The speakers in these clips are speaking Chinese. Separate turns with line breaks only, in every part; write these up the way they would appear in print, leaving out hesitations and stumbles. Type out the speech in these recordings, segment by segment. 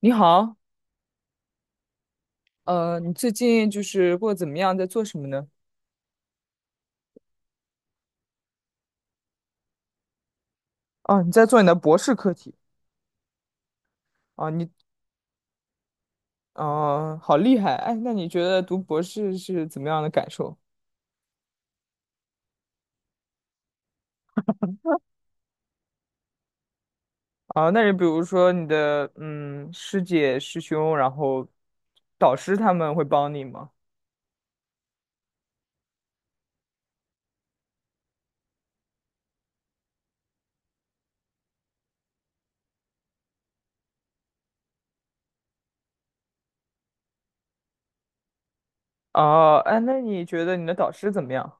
你好，你最近就是过得怎么样，在做什么呢？哦，你在做你的博士课题啊，哦，好厉害！哎，那你觉得读博士是怎么样的感受？啊，那你比如说你的师姐师兄，然后导师他们会帮你吗？哦，哎，那你觉得你的导师怎么样？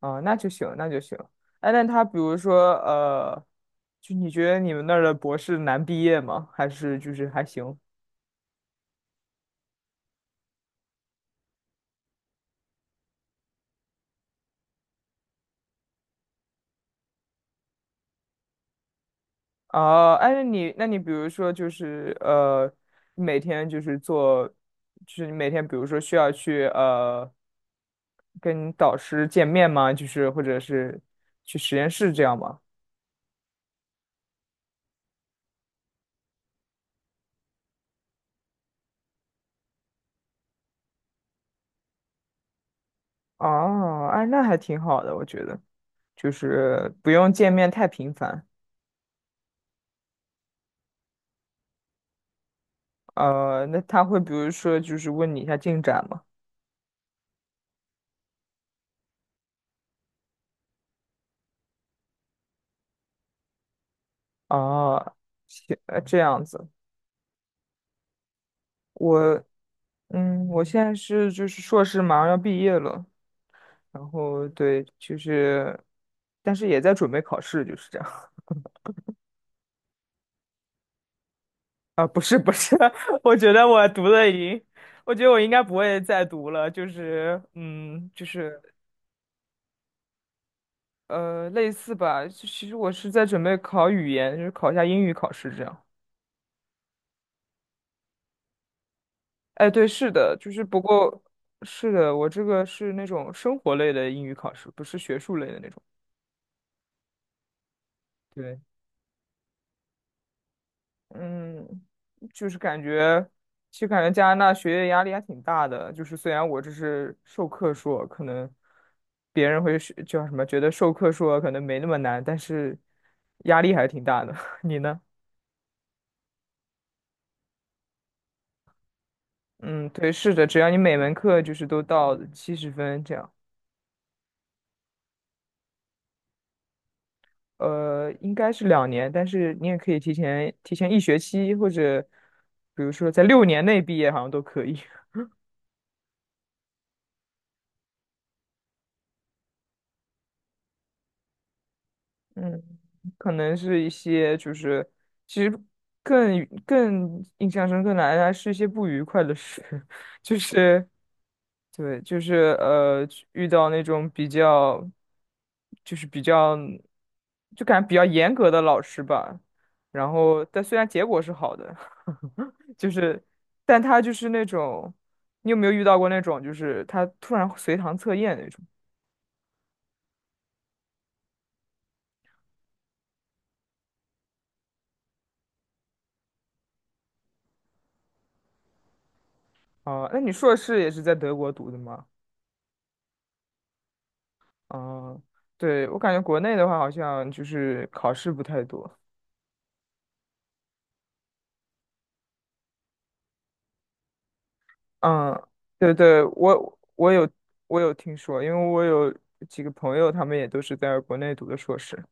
啊，那就行，那就行。哎，那他比如说就你觉得你们那儿的博士难毕业吗？还是就是还行？哦，哎，那你比如说就是每天就是做，就是你每天比如说需要去跟导师见面吗？就是或者是去实验室这样吗？哦，哎，那还挺好的，我觉得就是不用见面太频繁。那他会比如说就是问你一下进展吗？哦，行，这样子，我我现在是就是硕士马上要毕业了。然后对，就是，但是也在准备考试，就是这样。啊，不是不是，我觉得我读的已经，我觉得我应该不会再读了。就是，就是类似吧。其实我是在准备考语言，就是考一下英语考试这样。哎，对，是的，就是不过，是的，我这个是那种生活类的英语考试，不是学术类的那种。对嗯，就是感觉，其实感觉加拿大学业压力还挺大的。就是虽然我这是授课硕，可能别人会是叫什么，觉得授课硕可能没那么难，但是压力还挺大的。你呢？嗯，对，是的，只要你每门课就是都到70分这样，应该是2年，但是你也可以提前一学期，或者比如说在6年内毕业，好像都可以。嗯。可能是一些就是其实更印象深刻的还是一些不愉快的事，就是对，就是遇到那种比较就是比较就感觉比较严格的老师吧，然后但虽然结果是好的，就是但他就是那种你有没有遇到过那种就是他突然随堂测验那种啊？那你硕士也是在德国读的吗？嗯，对，我感觉国内的话，好像就是考试不太多。嗯，对对，我有听说，因为我有几个朋友，他们也都是在国内读的硕士。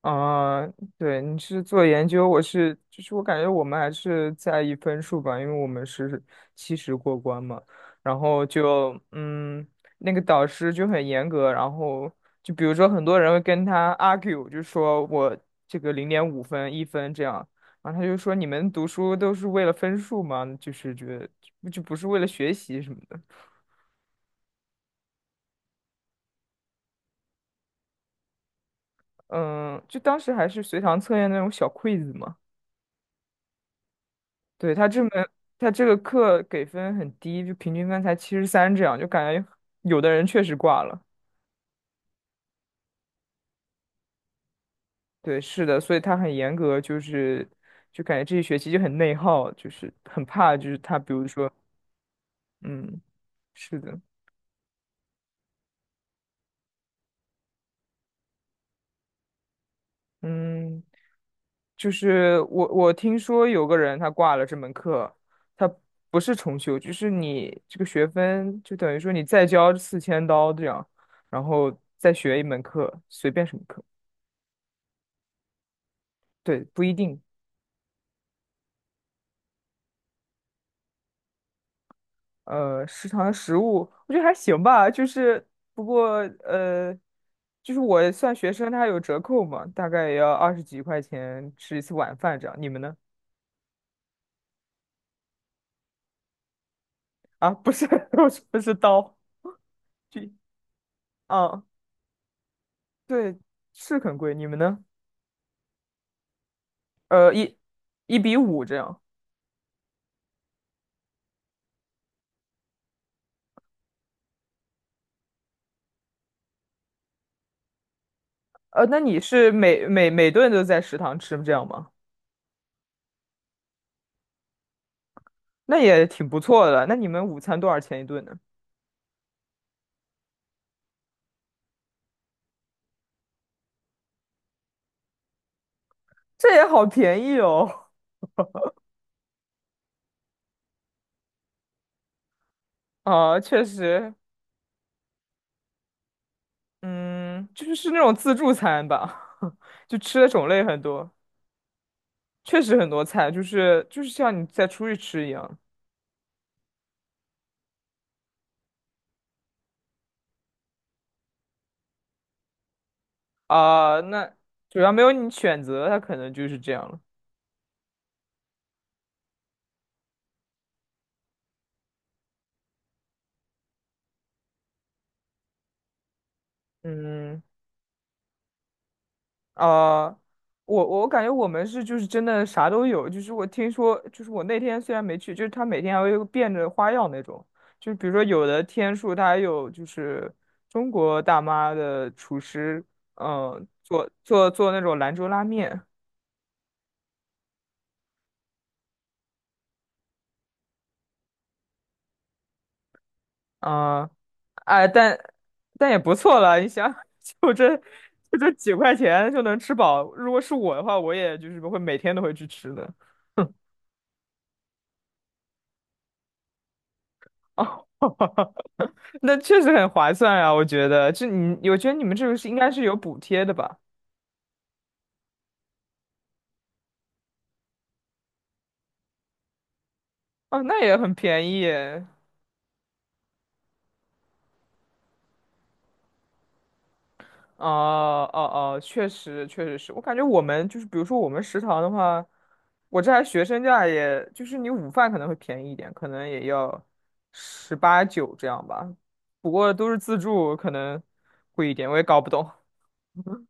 啊、对，你是做研究，我是，就是我感觉我们还是在意分数吧，因为我们是七十过关嘛，然后就，那个导师就很严格，然后就比如说很多人会跟他 argue，就说我这个0.5分、1分这样，然后他就说你们读书都是为了分数吗？就是觉得就不是为了学习什么的，嗯，就当时还是随堂测验那种小 quiz 嘛。对，他这个课给分很低，就平均分才73这样，就感觉有的人确实挂了。对，是的，所以他很严格，就是就感觉这一学期就很内耗，就是很怕，就是他比如说，嗯，是的，嗯，就是我听说有个人他挂了这门课，他不是重修，就是你这个学分就等于说你再交4000刀这样，然后再学一门课，随便什么课，对，不一定。食堂的食物，我觉得还行吧，就是不过呃，就是我算学生，它有折扣嘛，大概也要二十几块钱吃一次晚饭这样。你们呢？啊，不是，不说不是刀具啊，对，是很贵。你们呢？呃，一一比五这样。那你是每顿都在食堂吃这样吗？那也挺不错的。那你们午餐多少钱一顿呢？这也好便宜哦。啊，确实，嗯，就是是那种自助餐吧，就吃的种类很多，确实很多菜，就是像你在出去吃一样啊、那主要没有你选择，它可能就是这样了。嗯啊、我感觉我们是就是真的啥都有，就是我听说，就是我那天虽然没去，就是他每天还会变着花样那种，就是比如说有的天数他还有就是中国大妈的厨师，嗯、做那种兰州拉面，啊、哎，但也不错了。你想，就这几块钱就能吃饱。如果是我的话，我也就是会每天都会去吃的。哦，那确实很划算啊，我觉得。我觉得你们这个是应该是有补贴的吧？哦，那也很便宜耶哦哦哦，确实确实是我感觉我们就是，比如说我们食堂的话，我这还学生价也，就是你午饭可能会便宜一点，可能也要十八九这样吧，不过都是自助，可能贵一点，我也搞不懂。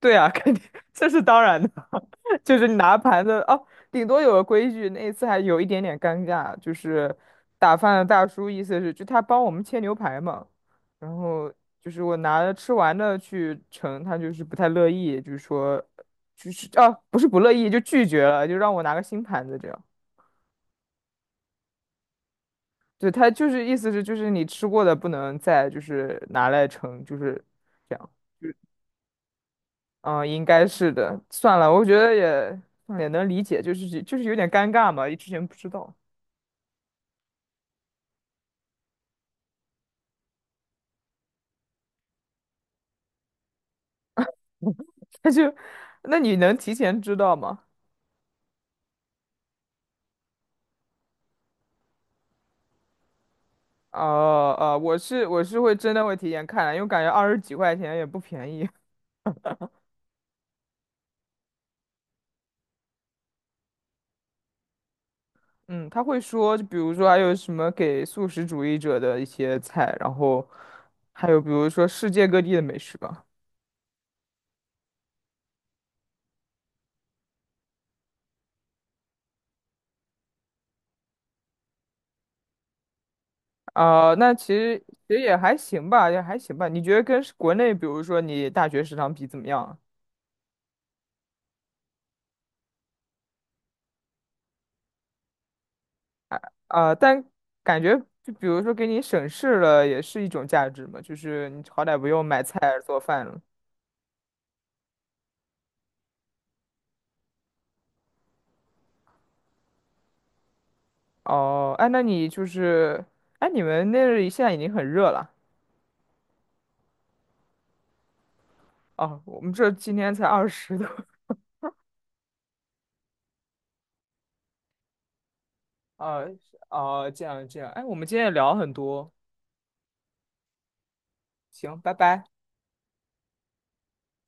对啊，肯定这是当然的，就是你拿盘子哦，顶多有个规矩，那一次还有一点点尴尬，就是打饭的大叔意思是就他帮我们切牛排嘛，然后就是我拿着吃完的去盛，他就是不太乐意，就是说就是哦，不是不乐意就拒绝了，就让我拿个新盘子这样，对他就是意思是就是你吃过的不能再就是拿来盛，就是。这样。嗯，应该是的。算了，我觉得也能理解，就是有点尴尬嘛，之前不知道。那就，那你能提前知道吗？哦哦，我是会真的会提前看的因为感觉二十几块钱也不便宜。嗯，他会说，就比如说还有什么给素食主义者的一些菜，然后还有比如说世界各地的美食吧。啊、那其实也还行吧，也还行吧。你觉得跟国内，比如说你大学食堂比怎么样啊啊、但感觉就比如说给你省事了，也是一种价值嘛，就是你好歹不用买菜做饭了。哦，哎，那你就是，哎，你们那里现在已经很热了。哦，我们这今天才20度。哦，哦，这样这样，哎，我们今天也聊了很多，行，拜拜。